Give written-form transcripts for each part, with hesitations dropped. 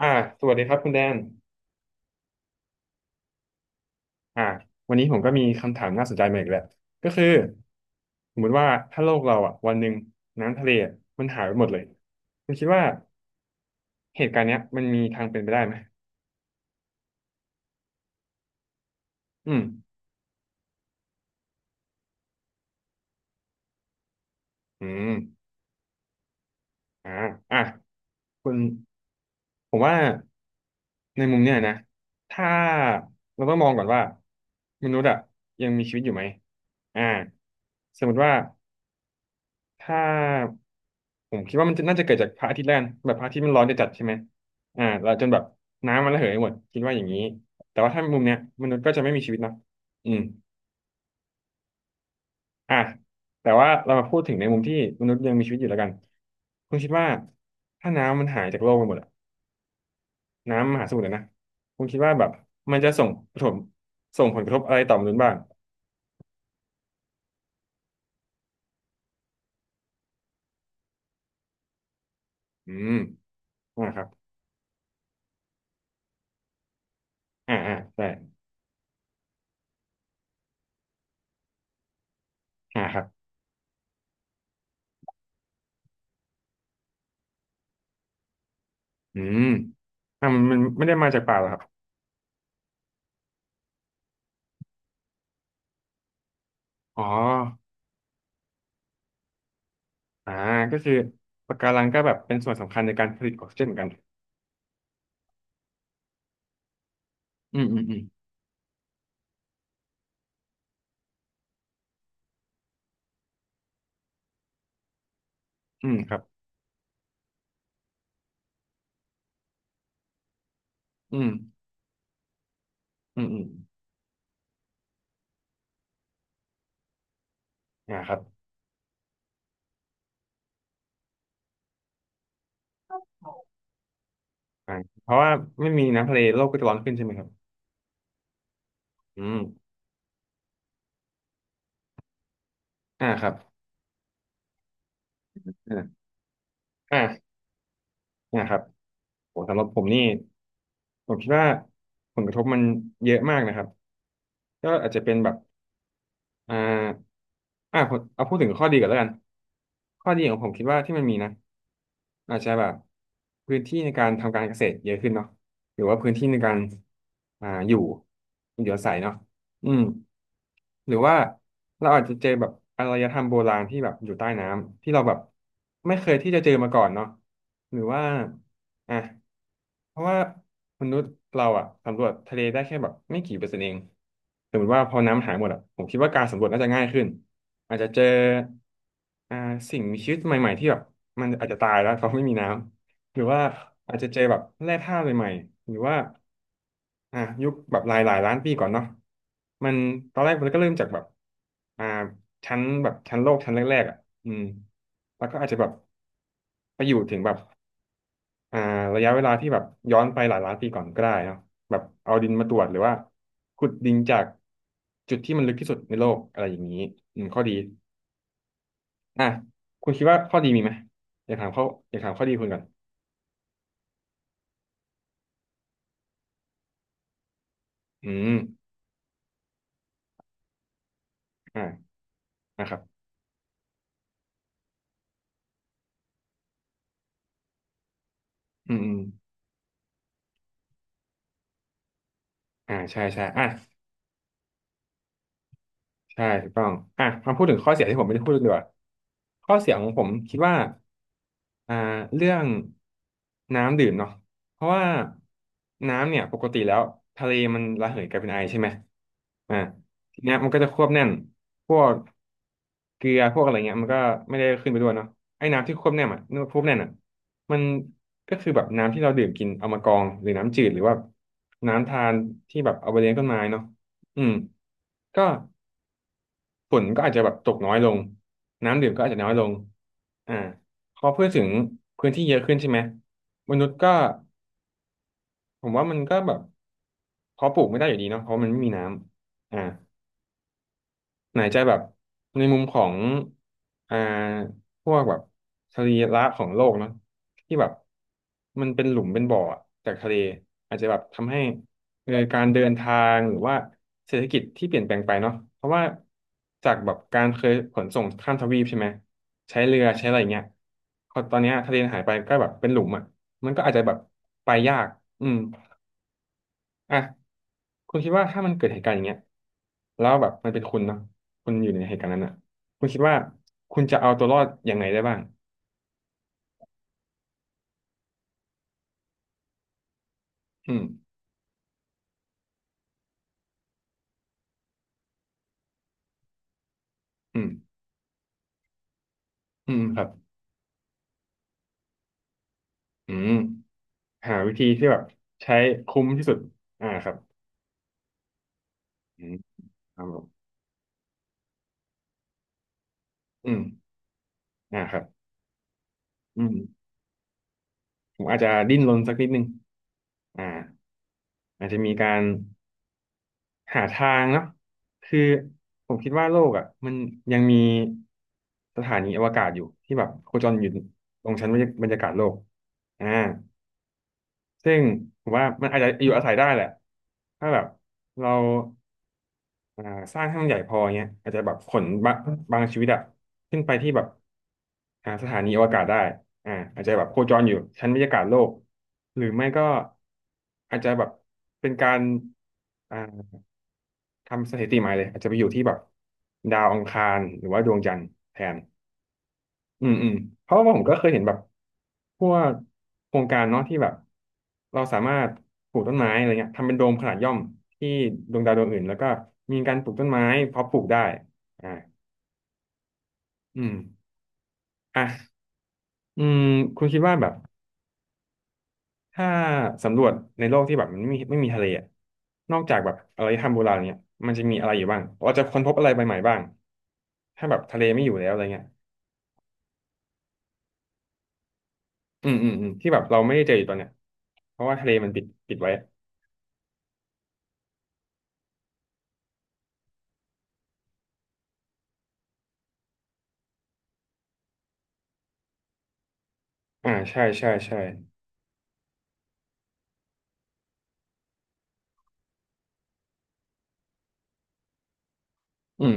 อ่าสวัสดีครับคุณแดนอ่าวันนี้ผมก็มีคำถามน่าสนใจมาอีกแล้วก็คือสมมติว่าถ้าโลกเราอ่ะวันหนึ่งน้ำทะเลอะมันหายไปหมดเลยคุณคิดว่าเหตุการณ์เนี้ยมันมีทางเป็นไปได้ไหม อืม อืม อ่าอ่ะคุณผมว่าในมุมเนี้ยนะ ถ้าเราต้องมองก่อนว่ามนุษย์อ่ะยังมีชีวิตอยู่ไหมอ่าสมมติว่า ถ้าผมคิดว่ามันจะน่าจะเกิดจากพระอาทิตย์แล้วกันแบบพระอาทิตย์มันร้อนจะจัดใช่ไหมเราจนแบบน้ำมันระเหยหมดคิดว่าอย่างนี้แต่ว่าถ้ามุมเนี้ยมนุษย์ก็จะไม่มีชีวิตเนาะอืมอ่ะแต่ว่าเรามาพูดถึงในมุมที่มนุษย์ยังมีชีวิตอยู่แล้วกันคุณคิดว่าถ้าน้ำมันหายจากโลกไปหมดอะน้ำมหาสมุทรอะนะคุณคิดว่าแบบมันจะส่งผลส่งผลกระทบอะไรต่อมนุษย์บ้างอืมอ่าครับได่อ่าครับอืมมันไม่ได้มาจากป่าหรอครับอ๋อ อ่าก็คือปะการังก็แบบเป็นส่วนสำคัญในการผลิตออกซิเจนเหมือนกันอืมอืมอืมอืมครับอืมอืมอืมอ่าครับอ่าเพราะว่าไม่มีน้ำทะเลโลกก็จะร้อนขึ้นใช่ไหมครับอืมอ่าครับอ่าอ่าอ่าครับโหสำหรับผมนี่ผมคิดว่าผลกระทบมันเยอะมากนะครับก็อาจจะเป็นแบบ อ่าอ่ะผมเอาพูดถึงข้อดีก่อนแล้วกันข้อดีของผมคิดว่าที่มันมีนะอาจจะแบบพื้นที่ในการทำการเกษตรเยอะขึ้นเนาะหรือว่าพื้นที่ในการอยู่อยู่อาศัยเนาะ อืมหรือว่าเราอาจจะเจอแบบอารยธรรมโบราณที่แบบอยู่ใต้น้ำที่เราแบบไม่เคยที่จะเจอมาก่อนเนาะหรือว่าอ่ะเพราะว่ามนุษย์เราอะสำรวจทะเลได้แค่แบบไม่กี่เปอร์เซ็นต์เองสมมติว่าพอน้ำหายหมดอะผมคิดว่าการสำรวจน่าจะง่ายขึ้นอาจจะเจออ่าสิ่งมีชีวิตใหม่ๆที่แบบมันอาจจะตายแล้วเพราะไม่มีน้ำ หรือว่าอาจจะเจอแบบแร่ธาตุใหม่ๆหรือว่าอ่ะยุคแบบหลายหลายล้านปีก่อนเนาะมันตอนแรกมันก็เริ่มจากแบบอ่าชั้นแบบชั้นโลกชั้นแรกๆอ่ะอืมแล้วก็อาจจะแบบไปอยู่ถึงแบบอ่าระยะเวลาที่แบบย้อนไปหลายล้านปีก่อนก็ได้เนาะแบบเอาดินมาตรวจหรือว่าขุดดินจากจุดที่มันลึกที่สุดในโลกอะไรอย่างนี้อืมข้อดีอ่ะคุณคิดว่าข้อดีมีไหมอยากถามข้ออยากถามข้อดีคุณก่อนอืมอ่านะครับอืมอืม ใช่ใช่อ่ะใช่ถูกต้องอ่ะมาพูดถึงข้อเสียที่ผมไม่ได้พูดดีกว่าข้อเสียของผมคิดว่าอ่าเรื่องน้ำดื่มเนาะเพราะว่าน้ำเนี่ยปกติแล้วทะเลมันระเหยกลายเป็นไอใช่ไหมอ่าทีเนี้ยมันก็จะควบแน่นพวกเกลือพวกอะไรเงี้ยมันก็ไม่ได้ขึ้นไปด้วยเนาะไอ้น้ำที่ควบแน่นอ่ะนควบแน่นอ่ะมันก็คือแบบน้ำที่เราดื่มกินเอามากรองหรือน้ำจืดหรือว่าน้ำทานที่แบบเอาไปเลี้ยงต้นไม้เนาะอืม ก็ฝุ่นก็อาจจะแบบตกน้อยลงน้ำดื่มก็อาจจะน้อยลงอ่าพอพูดถึงพื้นที่เยอะขึ้นใช่ไหมมนุษย์ก็ผมว่ามันก็แบบเพาะปลูกไม่ได้อยู่ดีเนาะเพราะมันไม่มีน้ำอ่า ไหนจะแบบในมุมของอ่าพวกแบบสรีระของโลกเนาะที่แบบมันเป็นหลุมเป็นบ่ออะจากทะเลอาจจะแบบทำให้การเดินทางหรือว่าเศรษฐกิจที่เปลี่ยนแปลงไปเนาะเพราะว่าจากแบบการเคยขนส่งข้ามทวีปใช่ไหมใช้เรือใช้อะไรเงี้ยพอตอนเนี้ยทะเลหายไปก็แบบเป็นหลุมอ่ะมันก็อาจจะแบบไปยากอืม อ่ะคุณคิดว่าถ้ามันเกิดเหตุการณ์อย่างเงี้ยแล้วแบบมันเป็นคุณเนาะคุณอยู่ในเหตุการณ์นั้นอ่ะคุณคิดว่าคุณจะเอาตัวรอดยังไงได้บ้างอืมอืมอืมครับอืมหาวิธีที่แบบใช้คุ้มที่สุดอ่าครับอืมครับผมอืมอ่าครับอืมผมอาจจะดิ้นรนสักนิดนึงอ่าอาจจะมีการ หาทางเนาะคือผมคิดว่าโลกอ่ะมันยังมีสถานีอวกาศอยู่ที่แบบโคจรอยู่ตรงชั้นบรรยาบรรยากาศโลกอ่าซึ่งผมว่ามันอาจจะอยู่อาศัยได้แหละถ้าแบบเราอ่าสร้างให้มันใหญ่พอเงี้ยอาจจะแบบขนบะบางชีวิตอะขึ้นไปที่แบบสถานีอวกาศได้อาจจะแบบโคจรอยู่ชั้นบรรยากาศโลกหรือไม่ก็อาจจะแบบเป็นการ ทำสถิติใหม่เลยอาจจะไปอยู่ที่แบบดาวอังคารหรือว่าดวงจันทร์แทนอืมอืมเพราะว่าผมก็เคยเห็นแบบพวกโครงการเนาะที่แบบเราสามารถปลูกต้นไม้อะไรเงี้ยทำเป็นโดมขนาดย่อมที่ดวงดาวดวงอื่นแล้วก็มีการปลูกต้นไม้เพาะปลูกได้อ่าอืมอ่ะอืมคุณคิดว่าแบบถ้าสำรวจในโลกที่แบบมันไม่มีทะเลอะนอกจากแบบอารยธรรมโบราณเนี่ยมันจะมีอะไรอยู่บ้างเราจะค้นพบอะไรใหม่ๆบ้างถ้าแบบทะเลไม่อยู่แล้วอะไรเงี้ย อืมอืมอืมที่แบบเราไม่ได้เจออยู่ตอนเนี้ยเพราะว่าทะเลมันปิดไว้อ่าใช่ใช่ใช่อืม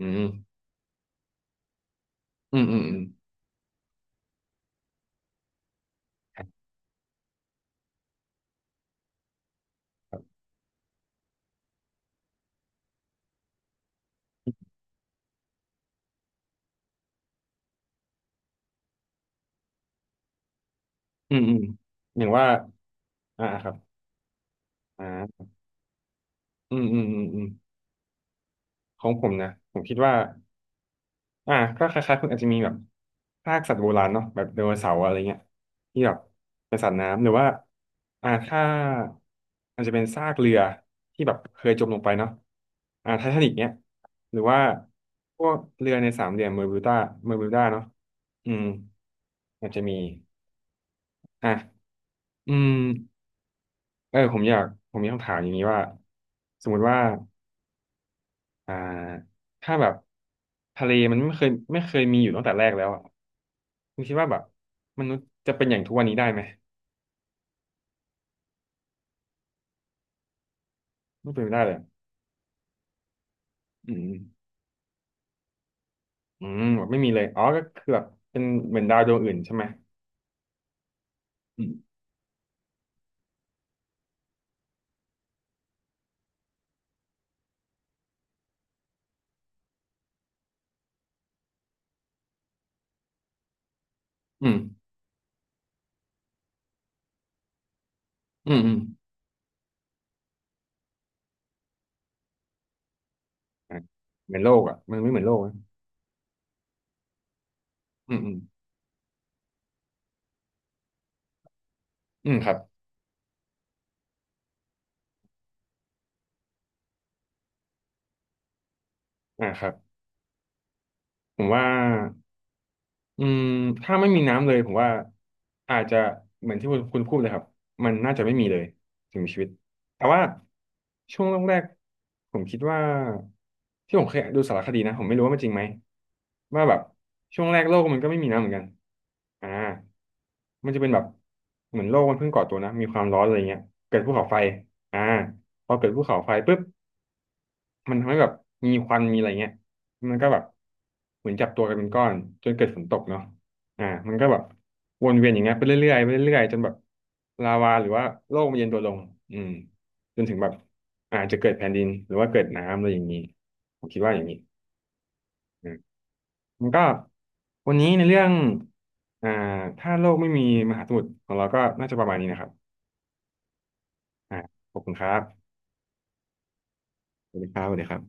อืมอืมอืมอืมครับอืมอืมอย่างว่าอ่าครับอ่าอืมอืมอืมอืมของผมนะผมคิดว่า ก็คล้ายๆคุณอาจจะมีแบบซากสัตว์โบราณเนาะแบบไดโนเสาร์อะไรเงี้ยที่แบบเป็นสัตว์น้ำหรือว่าถ้าอาจจะเป็นซากเรือที่แบบเคยจมลงไปเนาะไททานิกเนี้ยหรือว่าพวกเรือในสามเหลี่ยมเบอร์มิวดาเนาะอืมอาจจะมีอ่ะอืมเออผมอยากผมมีคำถามอย่างนี้ว่าสมมุติว่า อ่าถ้าแบบทะเลมันไม่เคยมีอยู่ตั้งแต่แรกแล้วอ่ะคุณคิดว่าแบบมนุษย์จะเป็นอย่างทุกวันนี้ได้ไหมไม่เป็นไปได้เลยอะอืมอืมแบบไม่มีเลยอ๋อก็คือแบบเป็นเหมือนดาวดวงอื่นใช่ไหมอืมอืมอืมอืมอ่ะเหมือนโลกอ่ะมันไม่เหมือนโลกนะอืมอืมอืมครับอ่าครับผมว่า อืมถ้าไม่มีน้ำเลยผมว่าอาจจะเหมือนที่คุณพูดเลยครับมันน่าจะไม่มีเลยถึงมีชีวิตแต่ว่าช่วงแรกๆผมคิดว่าที่ผมเคยดูสารคดีนะผมไม่รู้ว่ามันจริงไหมว่าแบบช่วงแรกโลกมันก็ไม่มีน้ำเหมือนกันอ่ามันจะเป็นแบบเหมือนโลกมันเพิ่งก่อตัวนะมีความร้อนอะไรเงี้ยเกิดภูเขาไฟอ่าพอเกิดภูเขาไฟปุ๊บ มันทำให้แบบมีควันมีอะไรเงี้ยมันก็แบบเหมือนจับตัวกันเป็นก้อนจนเกิดฝนตกเนาะมันก็แบบวนเวียนอย่างเงี้ยไปเรื่อยๆไปเรื่อยๆจนแบบลาวาหรือว่าโลกมันเย็นตัวลงอืมจนถึงแบบอาจจะเกิดแผ่นดินหรือว่าเกิดน้ำอะไรอย่างนี้ผมคิดว่าอย่างนี้อืมมันก็วันนี้ในเรื่องอ่าถ้าโลกไม่มีมหาสมุทรของเราก็น่าจะประมาณนี้นะครับอ่าขอบคุณครับสวัสดีครับสวัสดีครับ